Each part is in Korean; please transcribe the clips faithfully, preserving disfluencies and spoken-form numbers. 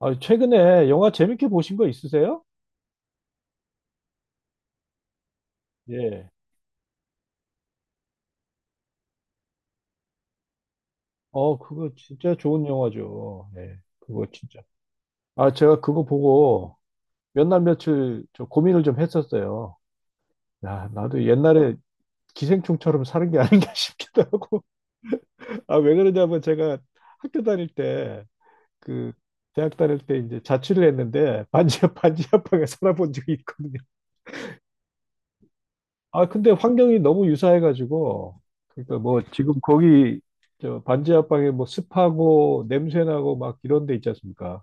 아, 최근에 영화 재밌게 보신 거 있으세요? 예. 어, 그거 진짜 좋은 영화죠. 예. 그거 진짜. 아, 제가 그거 보고 몇 날 며칠 저 고민을 좀 했었어요. 야, 나도 옛날에 기생충처럼 사는 게 아닌가 싶기도 하고. 아, 왜 그러냐면 제가 학교 다닐 때, 그, 대학 다닐 때 이제 자취를 했는데 반지하, 반지하방에 살아본 적이 있거든요. 아, 근데 환경이 너무 유사해가지고, 그러니까 뭐 지금 거기 저 반지 하방에 뭐 습하고 냄새나고 막 이런 데 있지 않습니까?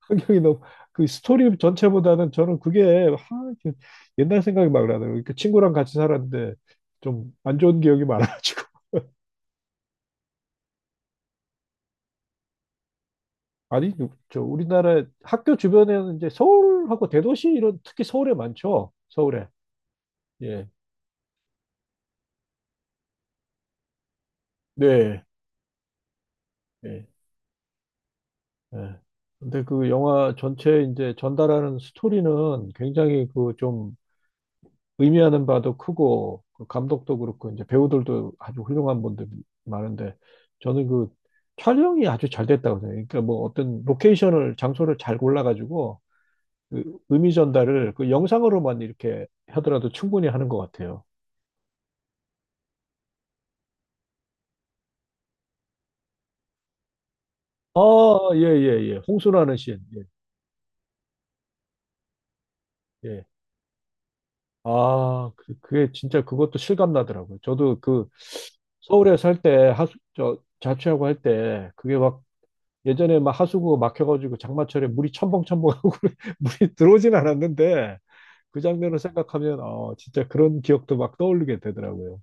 환경이 너무 그 스토리 전체보다는 저는 그게 하, 이렇게 옛날 생각이 막 나더라고요. 그 친구랑 같이 살았는데 좀 안 좋은 기억이 많아가지고. 아니, 그 저 우리나라 학교 주변에는 이제 서울하고 대도시 이런 특히 서울에 많죠. 서울에. 예. 네. 예. 예. 근데 그 영화 전체에 이제 전달하는 스토리는 굉장히 그 좀 의미하는 바도 크고 그 감독도 그렇고 이제 배우들도 아주 훌륭한 분들이 많은데 저는 그 촬영이 아주 잘 됐다고 생각해요. 그러니까 뭐 어떤 로케이션을 장소를 잘 골라가지고 그 의미 전달을 그 영상으로만 이렇게 하더라도 충분히 하는 것 같아요. 아, 예, 예, 예. 홍수라는 씬. 예, 예. 아, 그, 그게 진짜 그것도 실감 나더라고요. 저도 그 서울에 살 때 하수, 저 자취하고 할 때 그게 막 예전에 막 하수구가 막혀가지고 장마철에 물이 첨벙첨벙하고 물이 들어오진 않았는데 그 장면을 생각하면 어, 진짜 그런 기억도 막 떠올리게 되더라고요.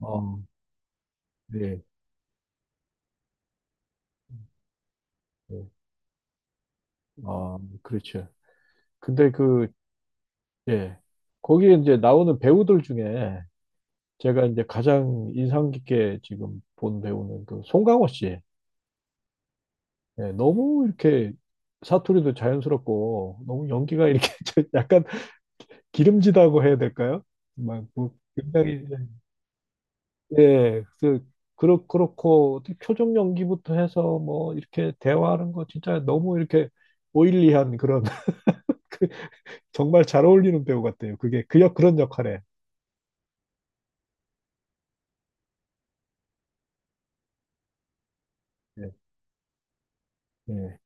어, 네. 네. 아, 그렇죠. 근데 그, 예. 거기에 이제 나오는 배우들 중에 제가 이제 가장 인상 깊게 지금 본 배우는 그 송강호 씨. 예, 너무 이렇게 사투리도 자연스럽고 너무 연기가 이렇게 저 약간 기름지다고 해야 될까요? 막뭐 굉장히 예, 그 그렇 그렇고 어떻게 표정 연기부터 해서 뭐 이렇게 대화하는 거 진짜 너무 이렇게 오일리한 그런 그 정말 잘 어울리는 배우 같아요. 그게 그역 그런 역할에. 예. 예.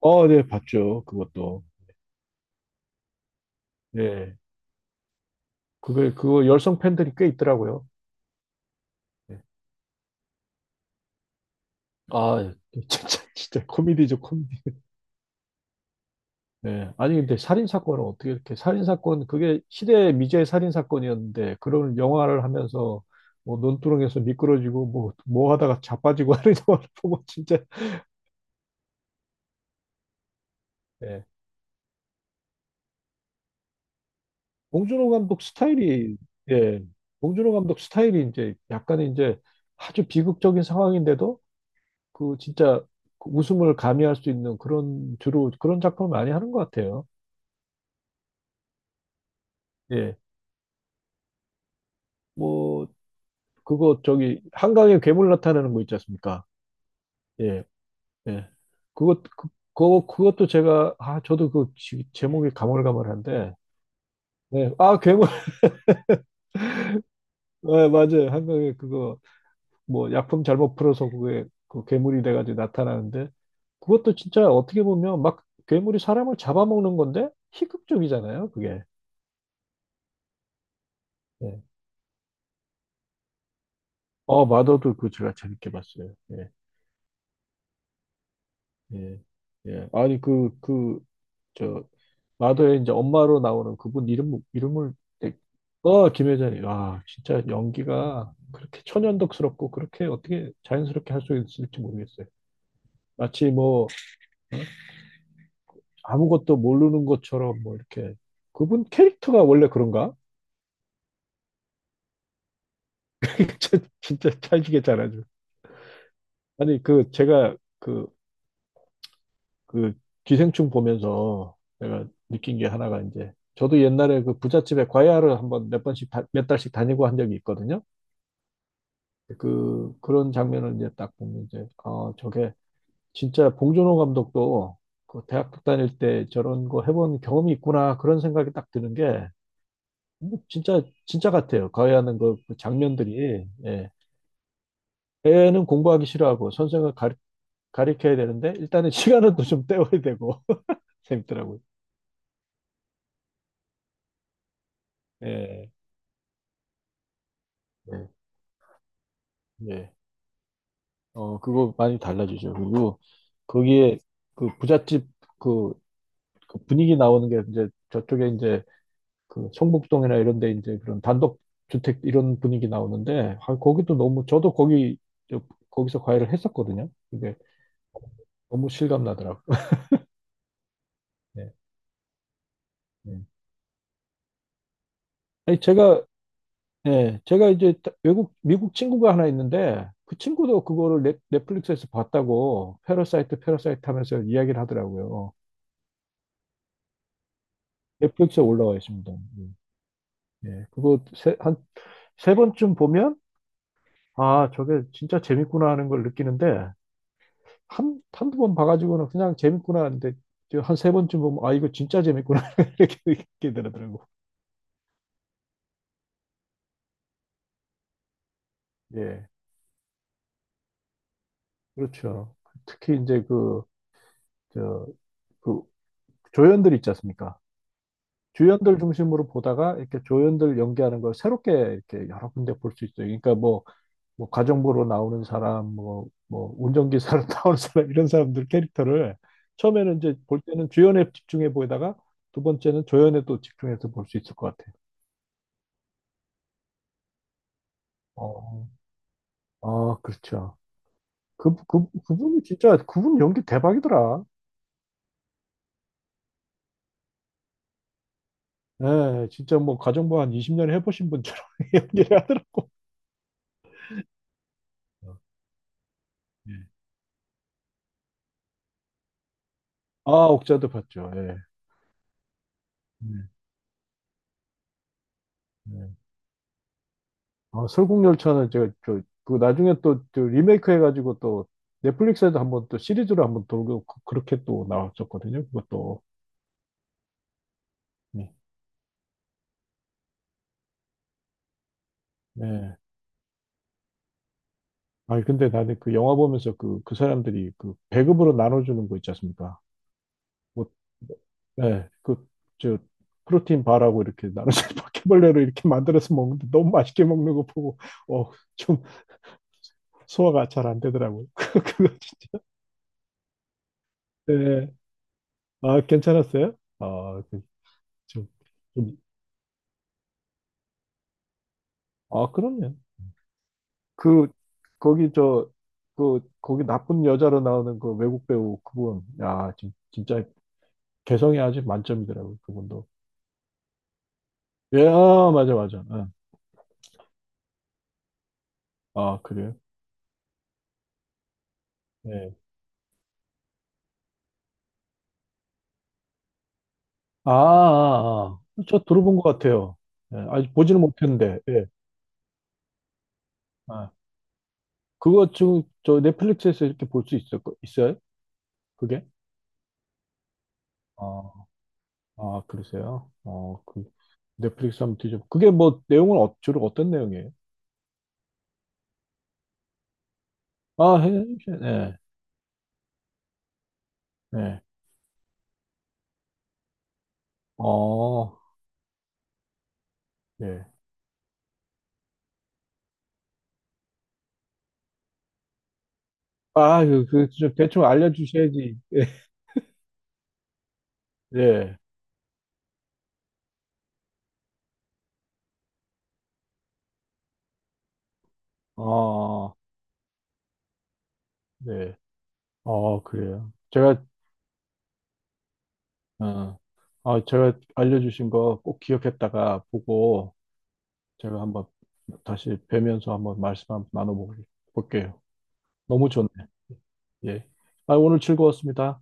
어, 네, 봤죠. 그것도. 예. 그게 그거 열성 팬들이 꽤 있더라고요. 예. 아, 진짜 진짜 코미디죠, 코미디. 네. 아니, 근데 살인사건은 어떻게 이렇게, 살인사건, 그게 시대의 미제 살인사건이었는데, 그런 영화를 하면서, 뭐, 논두렁에서 미끄러지고, 뭐, 뭐 하다가 자빠지고 하는 영화를 보면 진짜, 예. 봉준호 감독 스타일이, 예. 봉준호 감독 스타일이 이제 약간 이제 아주 비극적인 상황인데도, 그 진짜 그 웃음을 가미할 수 있는 그런, 주로 그런 작품을 많이 하는 것 같아요. 예. 뭐, 그거 저기, 한강에 괴물 나타나는 거 있지 않습니까? 예. 예. 그것, 그, 그 그것도 제가, 아, 저도 그 지- 제목이 가물가물한데, 네. 아, 괴물, 네, 맞아요. 한강에 그거, 뭐, 약품 잘못 풀어서 그게, 그 괴물이 돼가지고 나타나는데, 그것도 진짜 어떻게 보면 막 괴물이 사람을 잡아먹는 건데, 희극적이잖아요, 그게. 예. 어, 마더도 그 제가 재밌게 봤어요. 예, 예, 예. 아니, 그, 그, 저, 마더의 이제 엄마로 나오는 그분 이름 이름을 내- 어 김혜자님 와 진짜 연기가 그렇게 천연덕스럽고 그렇게 어떻게 자연스럽게 할 수 있을지 모르겠어요. 마치 뭐 아무것도 모르는 것처럼 뭐 이렇게 그분 캐릭터가 원래 그런가? 진짜 진짜 찰지게 잘하죠. 아니 그 제가 그 그 기생충 보면서 내가 느낀 게 하나가 이제 저도 옛날에 그 부잣집에 과외하러 한번 몇 번씩 다- 몇 달씩 다니고 한 적이 있거든요. 그 그런 장면을 이제 딱 보면 이제 아 저게 진짜 봉준호 감독도 그 대학교 다닐 때 저런 거 해본 경험이 있구나 그런 생각이 딱 드는 게뭐 진짜 진짜 같아요. 가해하는 그, 그 장면들이 예. 애는 공부하기 싫어하고 선생을 가리, 가리켜야 되는데 일단은 시간은 또 좀 때워야 되고 재밌더라고요. 예. 예. 예. 어 그거 많이 달라지죠. 그리고 거기에 그 부잣집 그, 그 분위기 나오는 게 이제 저쪽에 이제 그 성북동이나 이런 데 이제 그런 단독 주택 이런 분위기 나오는데 아, 거기도 너무 저도 거기 저- 거기서 과외를 했었거든요. 그게 너무 실감 나더라고요. 네, 네. 아니 제가 예, 제가 이제 다- 외국 미국 친구가 하나 있는데 그 친구도 그거를 넷, 넷플릭스에서 봤다고 패러사이트 패러사이트 하면서 이야기를 하더라고요. 넷플릭스에 올라와 있습니다. 음. 예, 그거 세, 한 세 번쯤 보면 아 저게 진짜 재밌구나 하는 걸 느끼는데 한, 한두 번 봐가지고는 그냥 재밌구나 하는데 한 세 번쯤 보면 아 이거 진짜 재밌구나 이렇게 느끼게 되더라고. 예, 그렇죠. 특히 이제 그, 저, 그 조연들 있지 않습니까? 주연들 중심으로 보다가 이렇게 조연들 연기하는 걸 새롭게 이렇게 여러 군데 볼 수 있어요. 그러니까 뭐, 뭐 가정부로 나오는 사람, 뭐, 뭐 운전기사로 나오는 사람 이런 사람들 캐릭터를 처음에는 이제 볼 때는 주연에 집중해 보이다가 두 번째는 조연에 또 집중해서 볼 수 있을 것 같아요. 어. 아, 그렇죠. 그, 그, 그분이 진짜, 그분 연기 대박이더라. 예, 진짜 뭐, 가정부 한 이십 년 해보신 분처럼 연기를 하더라. 예. 아, 옥자도 봤죠. 예. 네, 네. 아, 설국열차는 제가, 저, 그 나중에 또, 저 리메이크 해가지고 또, 넷플릭스에도 한번 또 시리즈로 한번 돌고, 그- 그렇게 또 나왔었거든요. 그것도. 예. 예. 아니, 근데 나는 그 영화 보면서 그, 그 사람들이 그 배급으로 나눠주는 거 있지 않습니까? 뭐, 네, 그, 저, 프로틴 바라고 이렇게 나눠서 바퀴벌레로 이렇게 만들어서 먹는데 너무 맛있게 먹는 거 보고, 어, 좀 소화가 잘 안 되더라고요. 그거 진짜. 네. 아, 괜찮았어요? 아, 그 좀, 좀, 아, 그럼요. 그, 거기 저, 그, 거기 나쁜 여자로 나오는 그 외국 배우 그분, 야, 진- 진짜 개성이 아주 만점이더라고요. 그분도. 예, 아, 맞아, 맞아. 응. 아, 그래요? 네. 아, 아, 아. 저 들어본 것 같아요. 예, 아직 보지는 못했는데, 예. 아, 그거 지금 저 넷플릭스에서 이렇게 볼 수 있을 거, 있어요? 그게? 아, 아, 그러세요? 어, 그, 넷플릭스 한번 뒤져. 그게 뭐, 내용은 어, 주로 어떤 내용이에요? 아, 해, 네, 예. 예. 어, 예. 아, 그, 그, 좀 대충 알려주셔야지. 네, 어, 네. 어, 그래요. 제가, 어, 아, 제가 알려주신 거 꼭 기억했다가 보고, 제가 한번 다시 뵈면서 한번 말씀 한번 나눠볼게요. 너무 좋네. 예. 아, 오늘 즐거웠습니다.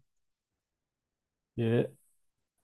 예.